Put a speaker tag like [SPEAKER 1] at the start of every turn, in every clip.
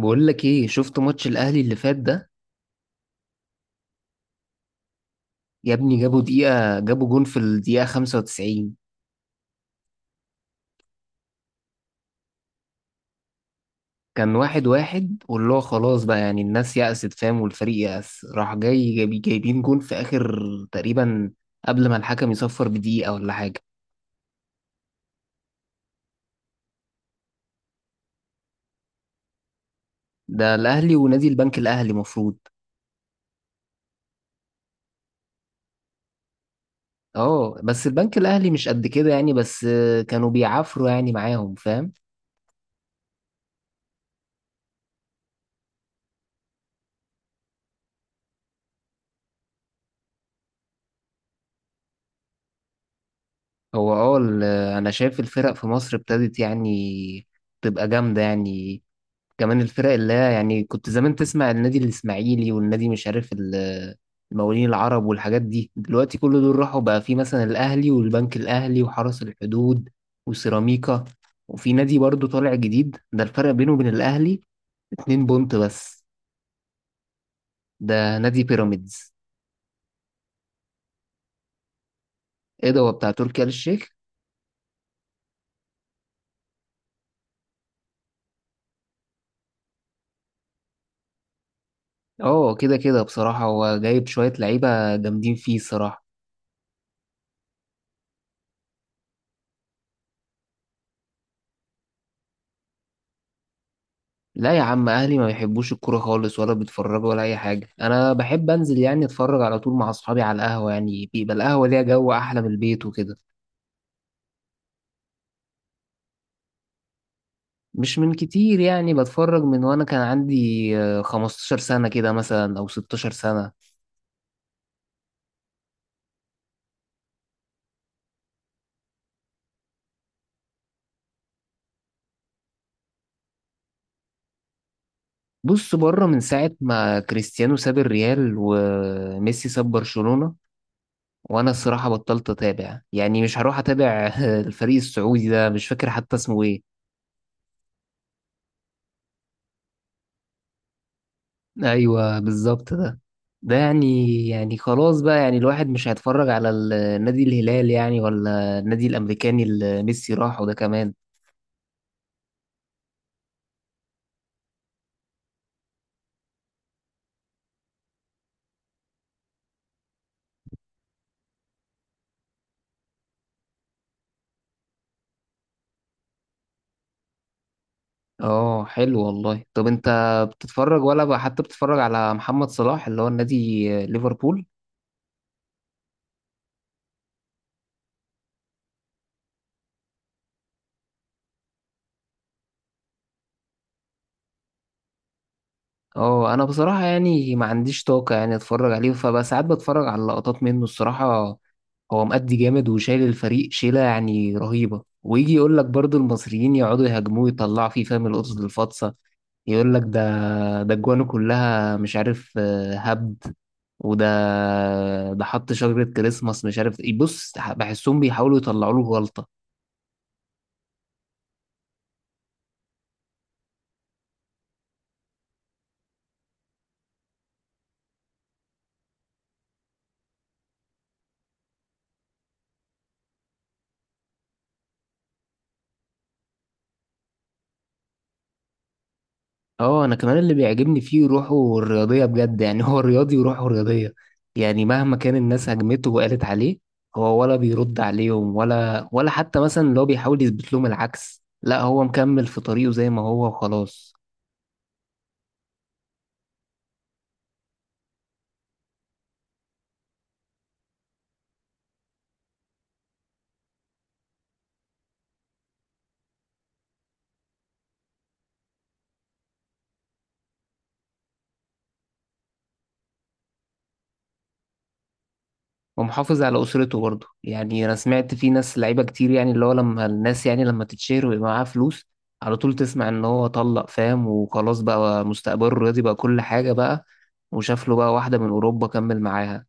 [SPEAKER 1] بقول لك ايه، شفت ماتش الاهلي اللي فات ده؟ يا ابني جابوا جون في الدقيقة 95. كان واحد واحد، واللي هو خلاص بقى يعني الناس يأست فاهم، والفريق يأس راح جاي جايبين جون في اخر تقريبا، قبل ما الحكم يصفر بدقيقة ولا حاجة. ده الاهلي ونادي البنك الاهلي مفروض. اه، بس البنك الاهلي مش قد كده يعني، بس كانوا بيعافروا يعني معاهم فاهم. هو انا شايف الفرق في مصر ابتدت يعني تبقى جامدة يعني. كمان الفرق اللي هي يعني، كنت زمان تسمع النادي الإسماعيلي والنادي مش عارف المقاولين العرب والحاجات دي. دلوقتي كل دول راحوا بقى، في مثلا الأهلي والبنك الأهلي وحرس الحدود وسيراميكا، وفي نادي برضو طالع جديد، ده الفرق بينه وبين الأهلي اتنين بونت بس. ده نادي بيراميدز. ايه ده، هو بتاع تركي آل الشيخ؟ اه، كده كده بصراحة، هو جايب شوية لعيبة جامدين فيه الصراحة. لا يا عم، اهلي ما بيحبوش الكوره خالص، ولا بيتفرجوا ولا اي حاجه. انا بحب انزل يعني اتفرج على طول مع اصحابي على القهوه، يعني بيبقى القهوه ليها جو احلى من البيت وكده. مش من كتير، يعني بتفرج من وانا كان عندي 15 سنه كده مثلا، او 16 سنه. بص، بره من ساعه ما كريستيانو ساب الريال وميسي ساب برشلونه، وانا الصراحه بطلت اتابع، يعني مش هروح اتابع الفريق السعودي ده مش فاكر حتى اسمه ايه. ايوه بالظبط ده يعني خلاص بقى، يعني الواحد مش هيتفرج على النادي الهلال يعني، ولا النادي الامريكاني اللي ميسي راحه ده كمان. اه حلو والله. طب انت بتتفرج، ولا بقى حتى بتتفرج على محمد صلاح اللي هو النادي ليفربول؟ اه، انا بصراحة يعني ما عنديش طاقة يعني اتفرج عليه، فبقى ساعات بتفرج على لقطات منه الصراحة. هو مأدي جامد وشايل الفريق شيلة يعني رهيبة، ويجي يقول لك برضو المصريين يقعدوا يهاجموه يطلعوا فيه فاهم، القطط الفاطسة يقول لك ده. ده الجوانه كلها مش عارف هبد. وده، ده حط شجرة كريسماس مش عارف ايه. بص، بحسهم بيحاولوا يطلعوا له غلطة. اه، انا كمان اللي بيعجبني فيه روحه الرياضية بجد، يعني هو رياضي وروحه رياضية. يعني مهما كان الناس هجمته وقالت عليه، هو ولا بيرد عليهم، ولا حتى مثلا اللي هو بيحاول يثبت لهم العكس. لا، هو مكمل في طريقه زي ما هو وخلاص. ومحافظ على أسرته برضه. يعني أنا سمعت في ناس لعيبة كتير، يعني اللي هو لما الناس يعني لما تتشهر ويبقى معاها فلوس، على طول تسمع إن هو طلق فاهم، وخلاص بقى مستقبله الرياضي بقى كل حاجة بقى، وشاف له بقى واحدة من أوروبا كمل معاها.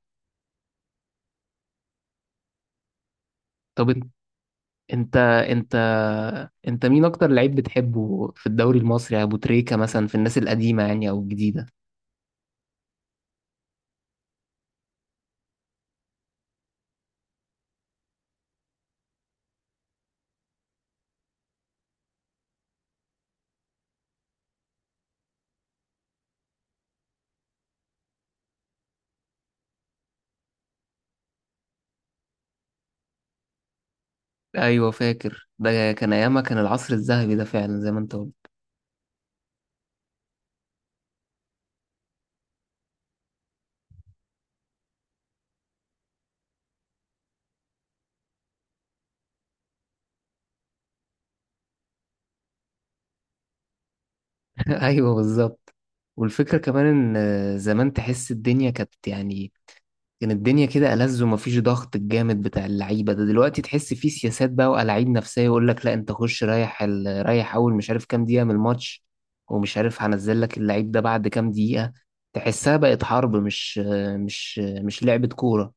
[SPEAKER 1] طب أنت أنت أنت مين أكتر لعيب بتحبه في الدوري المصري، أبو تريكة مثلا في الناس القديمة يعني، أو الجديدة؟ أيوة فاكر، ده كان أيامها كان العصر الذهبي ده فعلا زي ما أنت قلت. ايوه بالظبط. والفكره كمان، ان زمان تحس الدنيا كانت يعني كان الدنيا كده ألذ، ومفيش ضغط الجامد بتاع اللعيبه ده دلوقتي. تحس فيه سياسات بقى وألاعيب نفسيه، يقول لك لا انت خش ريح اول مش عارف كام دقيقه من الماتش، ومش عارف هنزل لك اللعيب ده بعد كام دقيقه. تحسها بقت حرب، مش لعبه كوره.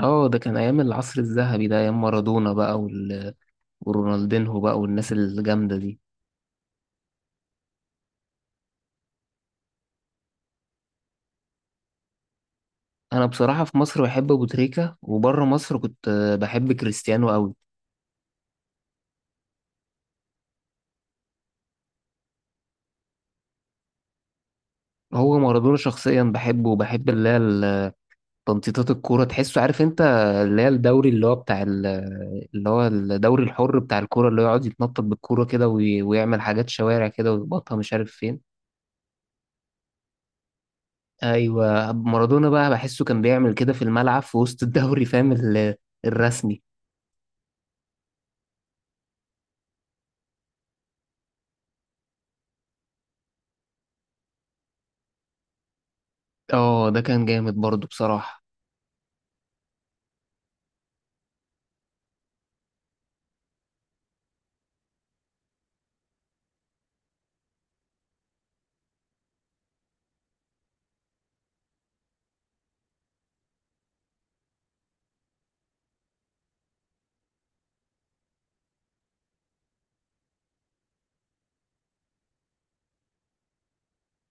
[SPEAKER 1] اه، ده كان ايام العصر الذهبي ده، ايام مارادونا بقى ورونالدينهو بقى والناس الجامده دي. انا بصراحه في مصر بحب ابو تريكه، وبره مصر كنت بحب كريستيانو قوي. هو مارادونا شخصيا بحبه، وبحب اللي هي تنطيطات الكوره، تحسه عارف انت، اللي هي الدوري اللي هو بتاع اللي هو الدوري الحر بتاع الكوره، اللي هو يقعد يتنطط بالكوره كده ويعمل حاجات شوارع كده ويخبطها مش عارف فين. ايوه، مارادونا بقى بحسه كان بيعمل كده في الملعب في وسط الدوري فاهم الرسمي. اه، ده كان جامد برضه بصراحه.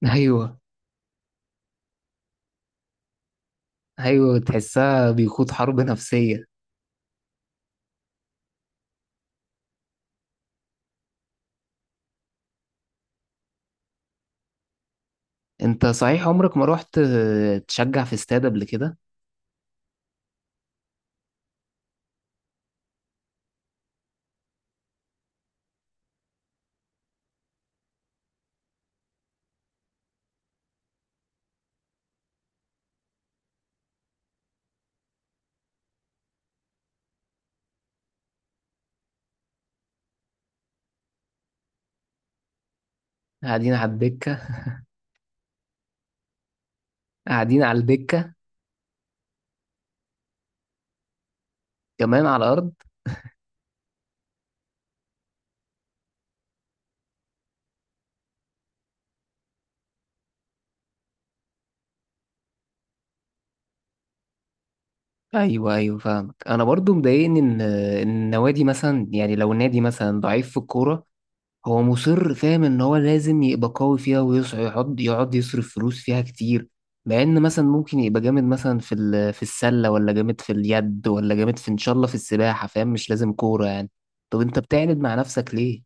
[SPEAKER 1] ايوه، ايوه، تحسها بيخوض حرب نفسيه. انت صحيح عمرك ما رحت تشجع في استاد قبل كده؟ قاعدين على الدكة. قاعدين على الدكة. كمان على الأرض. أيوه، أيوه، فاهمك. أنا برضو مضايقني إن إن النوادي مثلا، يعني لو النادي مثلا ضعيف في الكورة، هو مصر فاهم إن هو لازم يبقى قوي فيها ويصعد، يقعد يقعد يصرف فلوس فيها كتير، مع إن مثلا ممكن يبقى جامد مثلا في في السلة، ولا جامد في اليد، ولا جامد في إن شاء الله في السباحة فاهم، مش لازم كورة يعني. طب أنت بتعند مع نفسك ليه؟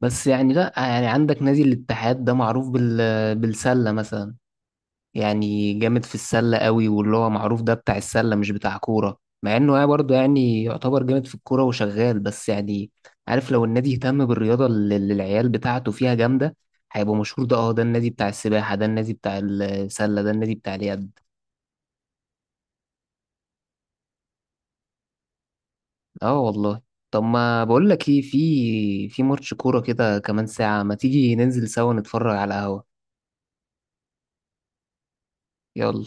[SPEAKER 1] بس يعني لا، يعني عندك نادي الاتحاد ده معروف بالسلة مثلا، يعني جامد في السلة قوي، واللي هو معروف ده بتاع السلة مش بتاع كورة، مع انه يعني برضه يعني يعتبر جامد في الكورة وشغال بس يعني. عارف، لو النادي اهتم بالرياضة اللي العيال بتاعته فيها جامدة، هيبقى مشهور. ده اه ده النادي بتاع السباحة، ده النادي بتاع السلة، ده النادي بتاع اليد. اه والله. طب ما بقول لك ايه، في ماتش كورة كده كمان ساعة، ما تيجي ننزل سوا نتفرج على القهوة. يلا